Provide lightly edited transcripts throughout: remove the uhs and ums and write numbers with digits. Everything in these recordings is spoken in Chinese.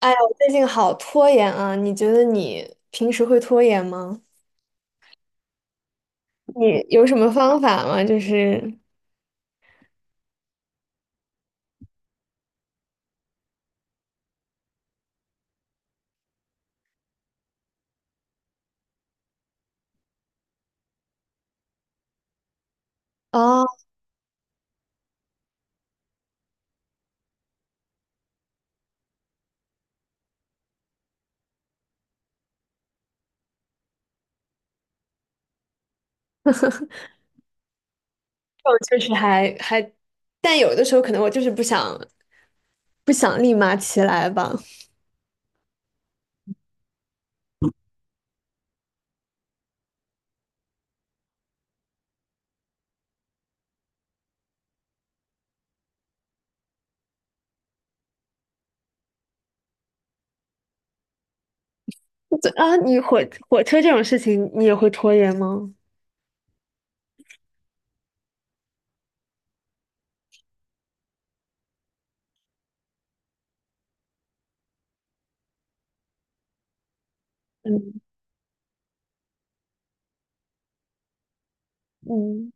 哎呀，我最近好拖延啊！你觉得你平时会拖延吗？你有什么方法吗？就是，哦，我确实还，但有的时候可能我就是不想立马起来吧。这啊，火车这种事情，你也会拖延吗？嗯，嗯，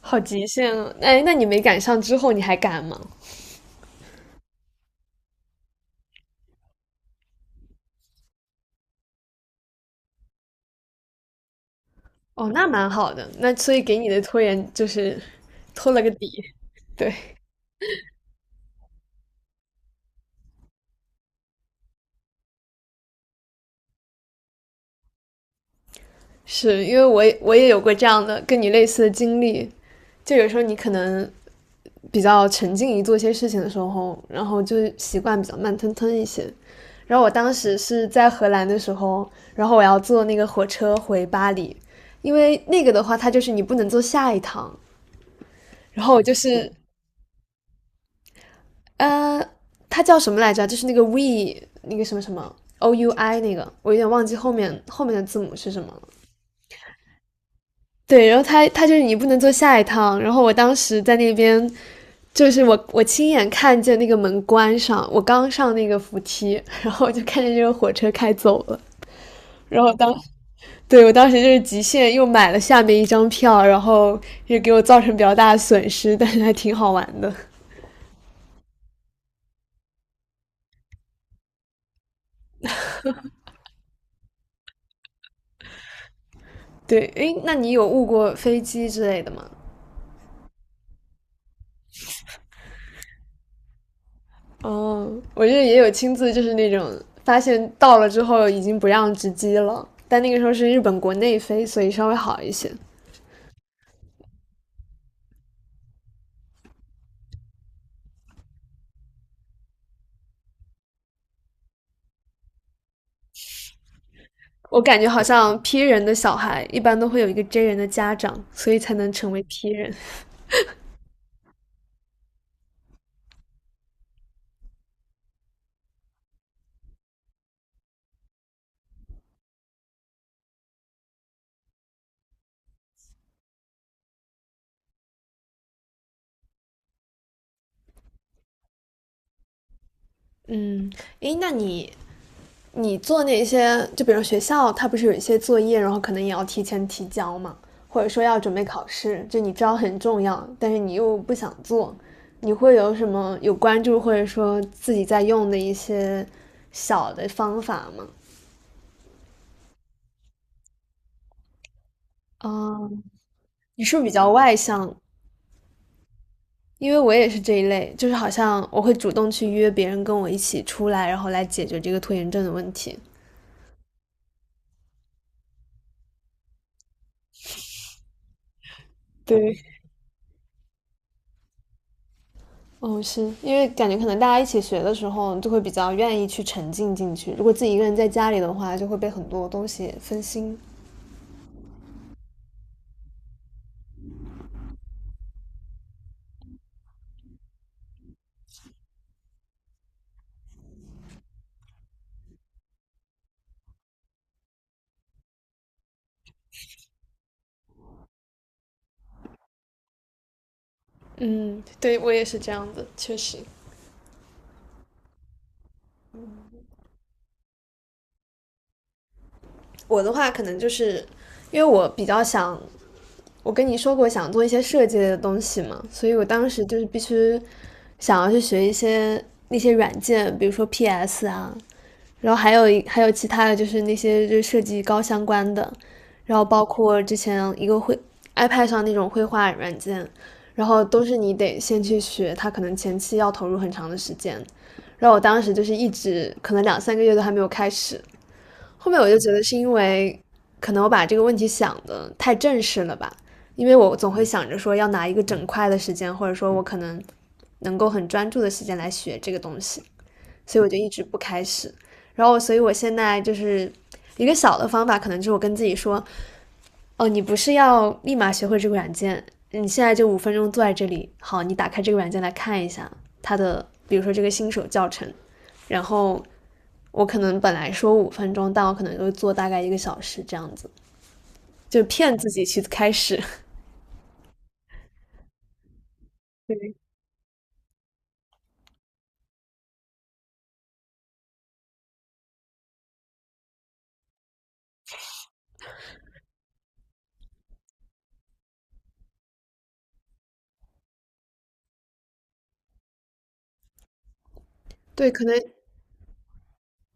好极限啊！哎，那你没赶上之后，你还敢吗？哦，那蛮好的。那所以给你的拖延就是拖了个底。对，是因为我也有过这样的跟你类似的经历，就有时候你可能比较沉浸于做一些事情的时候，然后就习惯比较慢吞吞一些。然后我当时是在荷兰的时候，然后我要坐那个火车回巴黎，因为那个的话，它就是你不能坐下一趟，然后我就是呃，它叫什么来着？就是那个 we 那个什么什么 o u i 那个，我有点忘记后面的字母是什么了。对，然后它就是你不能坐下一趟。然后我当时在那边，就是我亲眼看见那个门关上，我刚上那个扶梯，然后我就看见这个火车开走了。然后当对，我当时就是极限又买了下面一张票，然后也给我造成比较大的损失，但是还挺好玩的。对，诶，那你有误过飞机之类的吗？哦，我这也有亲自就是那种发现到了之后已经不让直机了，但那个时候是日本国内飞，所以稍微好一些。我感觉好像 P 人的小孩一般都会有一个 J 人的家长，所以才能成为 P 人。嗯，诶，那你做那些，就比如学校，它不是有一些作业，然后可能也要提前提交嘛，或者说要准备考试，就你知道很重要，但是你又不想做，你会有什么有关注或者说自己在用的一些小的方法吗？嗯，你是不是比较外向？因为我也是这一类，就是好像我会主动去约别人跟我一起出来，然后来解决这个拖延症的问题。对，哦，是因为感觉可能大家一起学的时候，就会比较愿意去沉浸进去。如果自己一个人在家里的话，就会被很多东西分心。嗯，对我也是这样的，确实。我的话可能就是因为我比较想，我跟你说过想做一些设计类的东西嘛，所以我当时就是必须想要去学一些那些软件，比如说 PS 啊，然后还有其他的就是那些就是设计高相关的，然后包括之前一个绘 iPad 上那种绘画软件，然后都是你得先去学，它可能前期要投入很长的时间。然后我当时就是一直可能2、3个月都还没有开始，后面我就觉得是因为可能我把这个问题想的太正式了吧，因为我总会想着说要拿一个整块的时间，或者说我可能能够很专注的时间来学这个东西，所以我就一直不开始。然后，所以我现在就是一个小的方法，可能就是我跟自己说，哦，你不是要立马学会这个软件？你现在就五分钟坐在这里，好，你打开这个软件来看一下它的，比如说这个新手教程，然后我可能本来说五分钟，但我可能就做大概1个小时这样子，就骗自己去开始。对，可能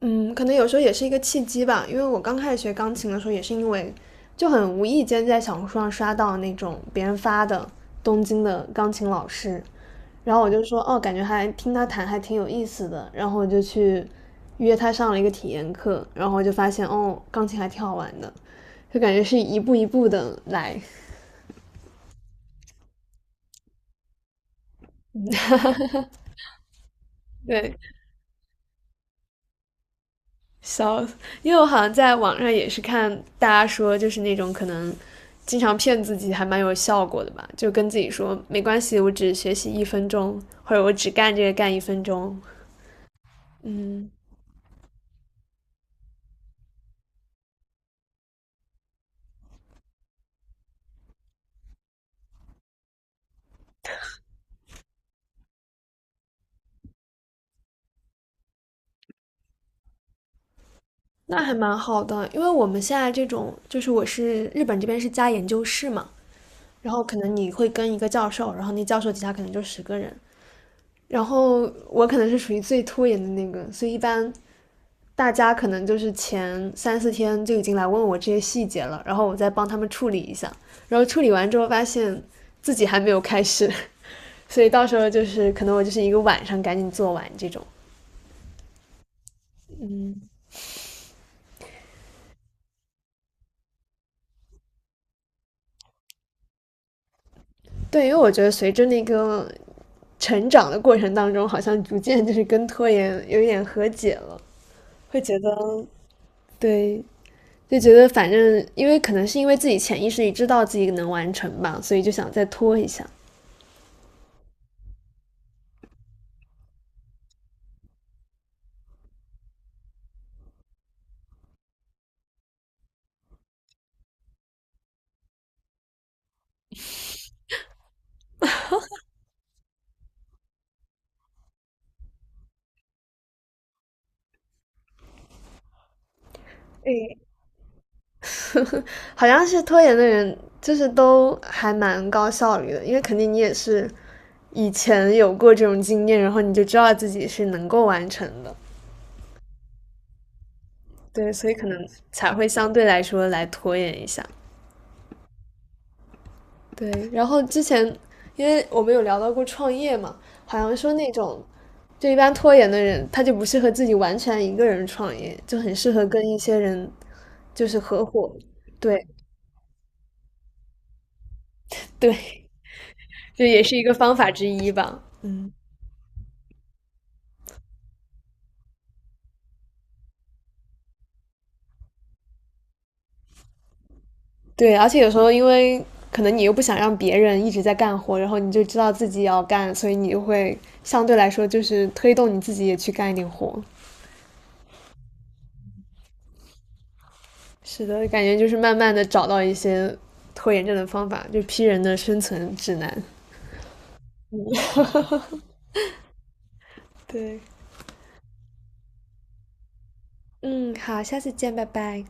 嗯，可能有时候也是一个契机吧，因为我刚开始学钢琴的时候，也是因为就很无意间在小红书上刷到那种别人发的东京的钢琴老师，然后我就说哦，感觉还听他弹还挺有意思的，然后我就去约他上了一个体验课，然后我就发现哦，钢琴还挺好玩的，就感觉是一步一步的来。对，笑死！因为我好像在网上也是看大家说，就是那种可能经常骗自己还蛮有效果的吧，就跟自己说没关系，我只学习一分钟，或者我只干这个干一分钟。嗯，那还蛮好的，因为我们现在这种就是我是日本这边是加研究室嘛，然后可能你会跟一个教授，然后那教授底下可能就10个人，然后我可能是属于最拖延的那个，所以一般大家可能就是前3、4天就已经来问我这些细节了，然后我再帮他们处理一下，然后处理完之后发现自己还没有开始，所以到时候就是可能我就是一个晚上赶紧做完这种。嗯，对，因为我觉得随着那个成长的过程当中，好像逐渐就是跟拖延有一点和解了，会觉得对。就觉得反正，因为可能是因为自己潜意识里知道自己能完成吧，所以就想再拖一下。诶。好像是拖延的人，就是都还蛮高效率的，因为肯定你也是以前有过这种经验，然后你就知道自己是能够完成的，对，所以可能才会相对来说来拖延一下。对，然后之前因为我们有聊到过创业嘛，好像说那种就一般拖延的人，他就不适合自己完全一个人创业，就很适合跟一些人就是合伙。对对，这也是一个方法之一吧。嗯。对，而且有时候因为可能你又不想让别人一直在干活，然后你就知道自己要干，所以你就会相对来说就是推动你自己也去干一点活。是的，感觉就是慢慢的找到一些拖延症的方法，就批人的生存指南。对，嗯，好，下次见，拜拜。